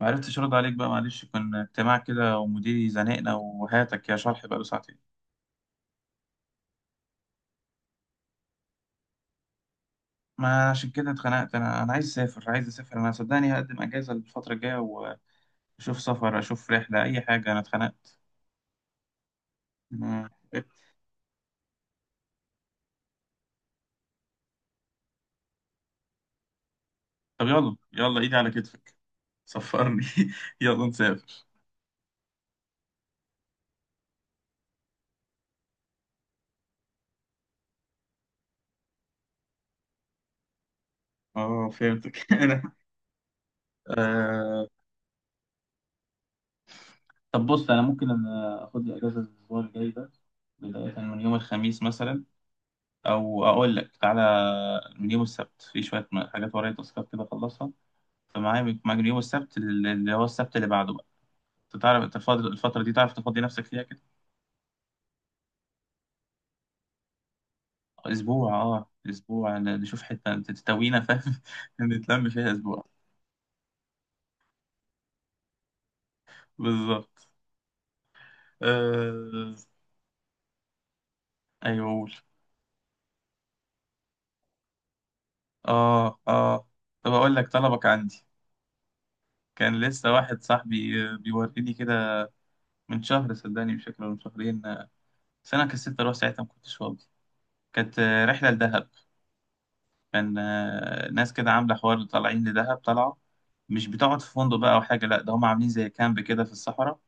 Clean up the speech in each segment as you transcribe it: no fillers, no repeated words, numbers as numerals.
ما عرفتش ارد عليك بقى معلش كان اجتماع كده ومديري زنقنا وهاتك يا شرح بقى له ساعتين. ما عشان كده اتخنقت انا عايز اسافر عايز اسافر انا صدقني هقدم اجازه الفتره الجايه. واشوف سفر اشوف رحله اي حاجه انا اتخنقت ما- طب يلا يلا ايدي على كتفك. سفرني يلا نسافر. اه فهمتك انا آه... طب بص ممكن أنا اخد لي اجازه الاسبوع الجاي ده. بدايه من يوم الخميس مثلا. او اقول لك تعالى من يوم السبت في شويه حاجات ورايا تاسكات كده اخلصها. فمعايا من معايا من يوم السبت اللي هو السبت اللي بعده بقى. انت تعرف انت الفتره دي تعرف تفضي نفسك فيها كده. اسبوع نشوف حته تستوينا فاهم نتلم فيها اسبوع. بالظبط. آه... ايوه قول. اه اه. طب اقول لك طلبك عندي. كان لسه واحد صاحبي بيوريني كده من شهر صدقني مش فاكر ولا من شهرين. بس انا كسلت اروح ساعتها ما كنتش فاضي. كانت رحله لدهب. كان ناس كده عاملة حوار طالعين لدهب طلعوا. مش بتقعد في فندق بقى أو حاجة. لأ ده هم عاملين زي كامب كده في الصحراء.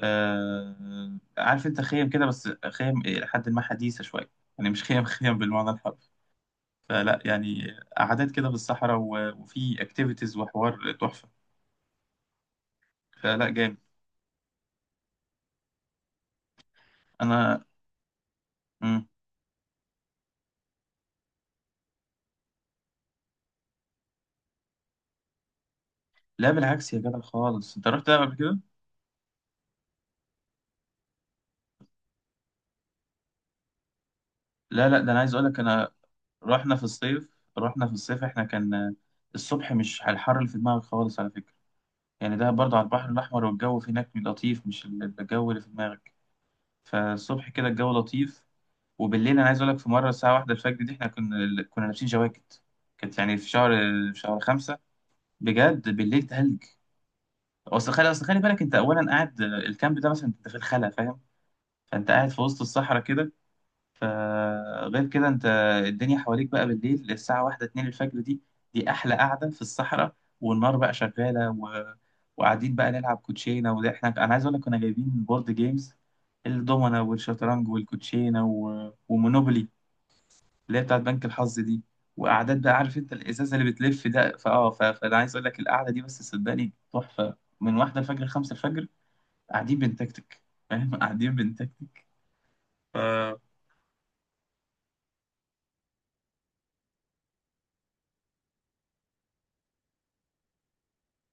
آه عارف أنت خيم كده بس خيم إلى حد ما حديثة شوية. يعني مش خيم خيم بالمعنى الحرفي. فلا يعني. قعدات كده في الصحراء وفي اكتيفيتيز وحوار تحفة. فلا جامد. أنا. مم. لا بالعكس يا جدع خالص. أنت رحت دهب قبل كده؟ لا لا ده أنا عايز أقول لك. أنا رحنا في الصيف. رحنا في الصيف إحنا كان الصبح مش على الحر اللي في دماغك خالص على فكرة. يعني ده برضه على البحر الأحمر والجو في هناك لطيف مش الجو اللي في دماغك. فالصبح كده الجو لطيف. وبالليل أنا عايز أقولك في مرة الساعة واحدة الفجر دي إحنا كنا لابسين جواكت. كانت يعني في شهر خمسة. بجد بالليل تلج. أصل خلي بالك أنت أولا قاعد الكامب ده مثلا أنت في الخلا فاهم. فأنت قاعد في وسط الصحراء كده. فغير كده انت الدنيا حواليك بقى بالليل الساعة واحدة اتنين الفجر دي. دي أحلى قعدة في الصحراء والنار بقى شغالة. وقاعدين بقى نلعب كوتشينة. وده أنا عايز أقول لك كنا جايبين بورد جيمز الدومنا والشطرنج والكوتشينة ومونوبولي اللي هي بتاعت بنك الحظ دي. وقعدات بقى عارف انت الإزازة اللي بتلف ده فأنا عايز أقول لك القعدة دي بس صدقني تحفة من واحدة الفجر لخمسة الفجر قاعدين بنتكتك فاهم قاعدين بنتكتك ف...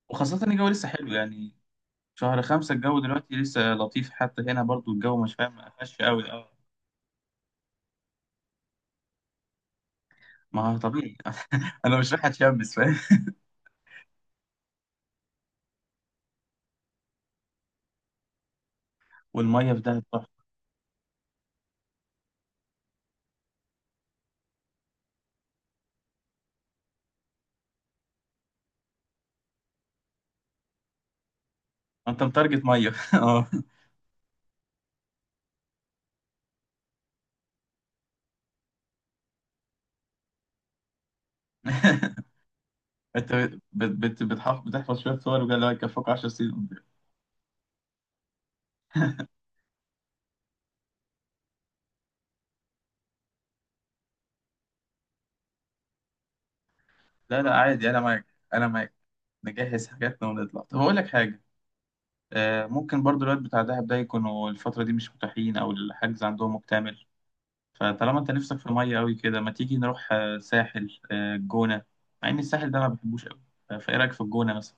وخاصة ان الجو لسه حلو يعني شهر خمسة الجو دلوقتي لسه لطيف حتى هنا برضو الجو مش فاهم ما قفش قوي اه. ما هو طبيعي انا مش رايح اتشمس فاهم. والميه في دهب تحفه. انت متارجت ميه اه. انت بتحفظ شويه صور وقال لك يكفوك 10 سنين قدام. لا لا عادي انا معاك. انا معاك. نجهز حاجاتنا ونطلع. طب اقول لك حاجه ممكن برضو الوقت بتاع دهب ده يكونوا الفتره دي مش متاحين او الحجز عندهم مكتمل. فطالما انت نفسك في ميه قوي كده ما تيجي نروح ساحل الجونه مع ان الساحل ده ما بحبوش قوي. فايه رايك في الجونه مثلا؟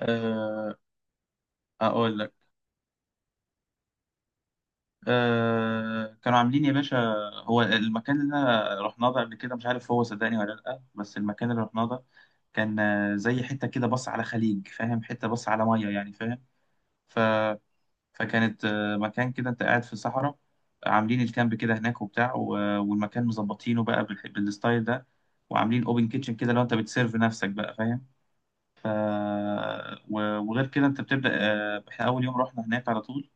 أه اقول لك. أه كانوا عاملين يا باشا هو المكان اللي أنا رحناه ده قبل كده مش عارف هو صدقني ولا لا. بس المكان اللي رحناه ده كان زي حته كده بص على خليج فاهم حته بص على ميه يعني فاهم. ف فكانت مكان كده انت قاعد في صحراء عاملين الكامب كده هناك وبتاع. والمكان مظبطينه بقى بالستايل ده. وعاملين اوبن كيتشن كده لو انت بتسيرف نفسك بقى فاهم. ف وغير كده انت بتبدأ احنا اول يوم رحنا هناك على طول.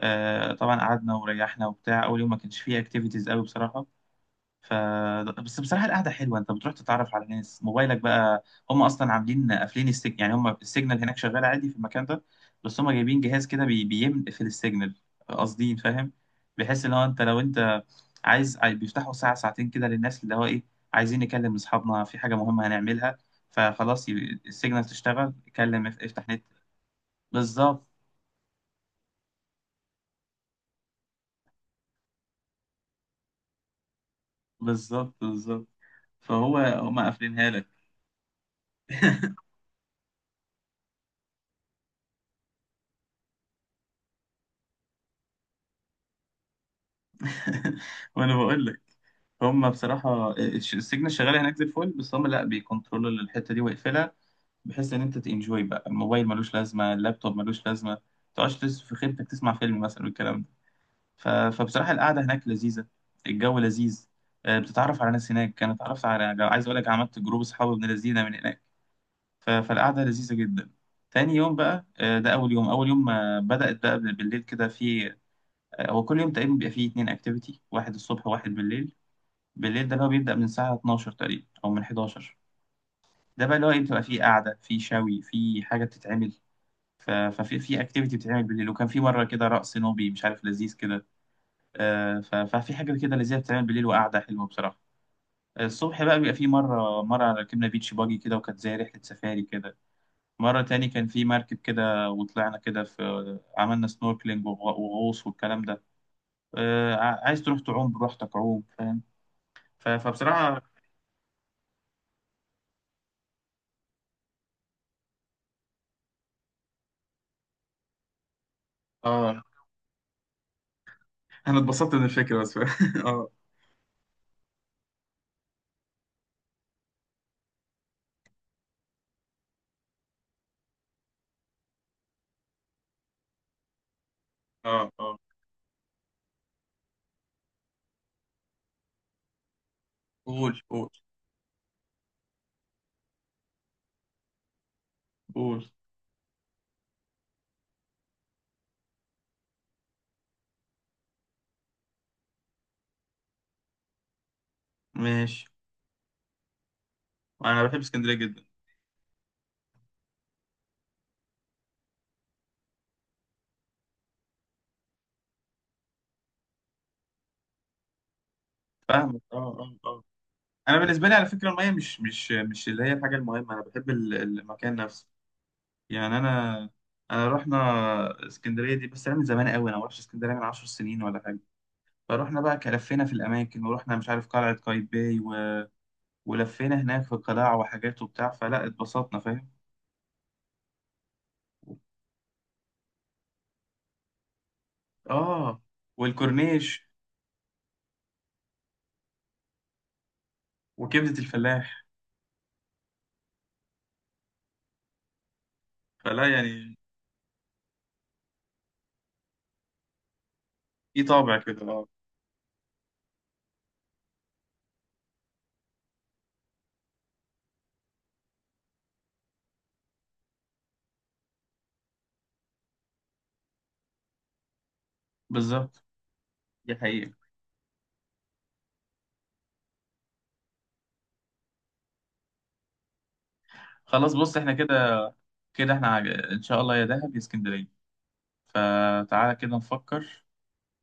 طبعا قعدنا وريحنا وبتاع اول يوم ما كانش فيه اكتيفيتيز قوي بصراحة. ف بس بصراحه القعده حلوه انت بتروح تتعرف على ناس. موبايلك بقى هم اصلا عاملين قافلين السجن يعني هم السيجنال هناك شغال عادي في المكان ده. بس هم جايبين جهاز كده بيقفل السيجنال قاصدين فاهم. بحيث ان هو انت لو انت بيفتحوا ساعه ساعتين كده للناس اللي هو ايه عايزين نكلم اصحابنا في حاجه مهمه هنعملها. فخلاص يبقى السيجنال تشتغل كلم افتح نت. بالظبط. بالظبط. بالظبط. هم قافلينها لك وانا بقول لك هم بصراحه السجن الشغاله هناك زي الفل. بس هم لا بيكنترولوا الحته دي ويقفلها بحيث ان انت تنجوي بقى. الموبايل ملوش لازمه. اللابتوب ملوش لازمه. ما تقعدش في خيمتك تسمع فيلم مثلا والكلام ده. فبصراحه القعده هناك لذيذه. الجو لذيذ بتتعرف على ناس هناك. انا اتعرفت على عايز اقول لك عملت جروب اصحاب ابن لذينه من هناك. فالقعده لذيذه جدا. تاني يوم بقى ده اول يوم بدأت بقى بالليل كده في هو كل يوم تقريبا بيبقى فيه اتنين اكتيفيتي. واحد الصبح وواحد بالليل. بالليل ده اللي هو بيبدأ من الساعة 12 تقريبا أو من 11. ده بقى اللي هو بتبقى فيه قعدة فيه شوي فيه حاجة بتتعمل. ف- ففي في اكتيفيتي بتتعمل بالليل وكان في مرة كده رقص نوبي مش عارف لذيذ كده. آه، ف- ففي حاجة كده لذيذة بتتعمل بالليل وقعدة حلوة بصراحة. الصبح بقى بيبقى في مرة ركبنا بيتش باجي كده وكانت زي رحلة سفاري كده. مرة تاني كان في مركب كده وطلعنا كده في عملنا سنوركلينج وغوص والكلام ده. عايز تروح تعوم براحتك عوم فاهم. فبصراحة اه انا اتبسطت من الفكره بس اه. اه اه. قول قول قول. ماشي. انا بحب اسكندريه جدا. فاهمك. اه اه اه. انا بالنسبه لي على فكره الميه مش اللي هي الحاجه المهمه. انا بحب المكان نفسه. يعني انا. انا رحنا اسكندريه دي بس انا من زمان قوي انا ما رحتش اسكندريه من 10 سنين ولا حاجه. فرحنا بقى كلفينا في الاماكن ورحنا مش عارف قلعه قايتباي. ولفينا هناك في قلاع وحاجات وبتاع فلا اتبسطنا فاهم. اه والكورنيش وكبده الفلاح فلا يعني في طابع كده اه. بالظبط دي حقيقة. خلاص بص احنا كده. كده احنا ان شاء الله يا دهب يا اسكندرية. فتعالى كده نفكر.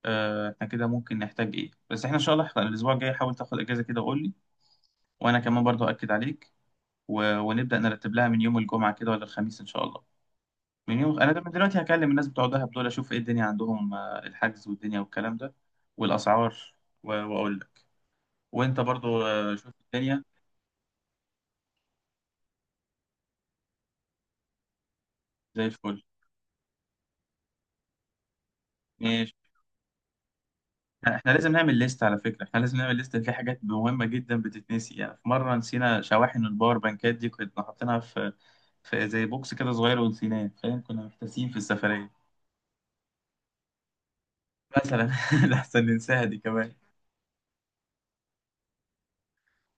اه احنا كده ممكن نحتاج ايه بس احنا ان شاء الله احنا الاسبوع الجاي حاول تاخد اجازة كده وقول لي. وانا كمان برضو اكد عليك. ونبدأ نرتب لها من يوم الجمعة كده ولا الخميس ان شاء الله. من يوم انا ده من دلوقتي هكلم الناس بتوع دهب دول اشوف ايه الدنيا عندهم الحجز والدنيا والكلام ده والاسعار. واقول لك. وانت برضو شوف الدنيا زي الفل. يعني احنا لازم نعمل ليست على فكرة. احنا لازم نعمل ليست في حاجات مهمة جدا بتتنسي. يعني في مرة نسينا شواحن الباور بانكات دي كنا حاطينها في زي بوكس كده صغير ونسيناه فاهم. كنا محتاسين في السفرية مثلا لحسن ننساها دي كمان.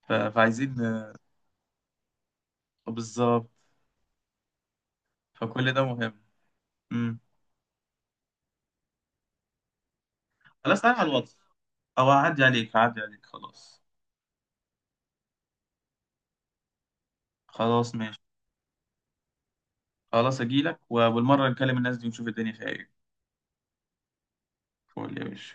فعايزين بالظبط فكل ده مهم. امم. خلاص تعالى على الواتس. او اعدي عليك اعدي عليك خلاص. خلاص ماشي. خلاص اجيلك وبالمرة نكلم الناس دي ونشوف الدنيا فيها ايه. قول يا باشا.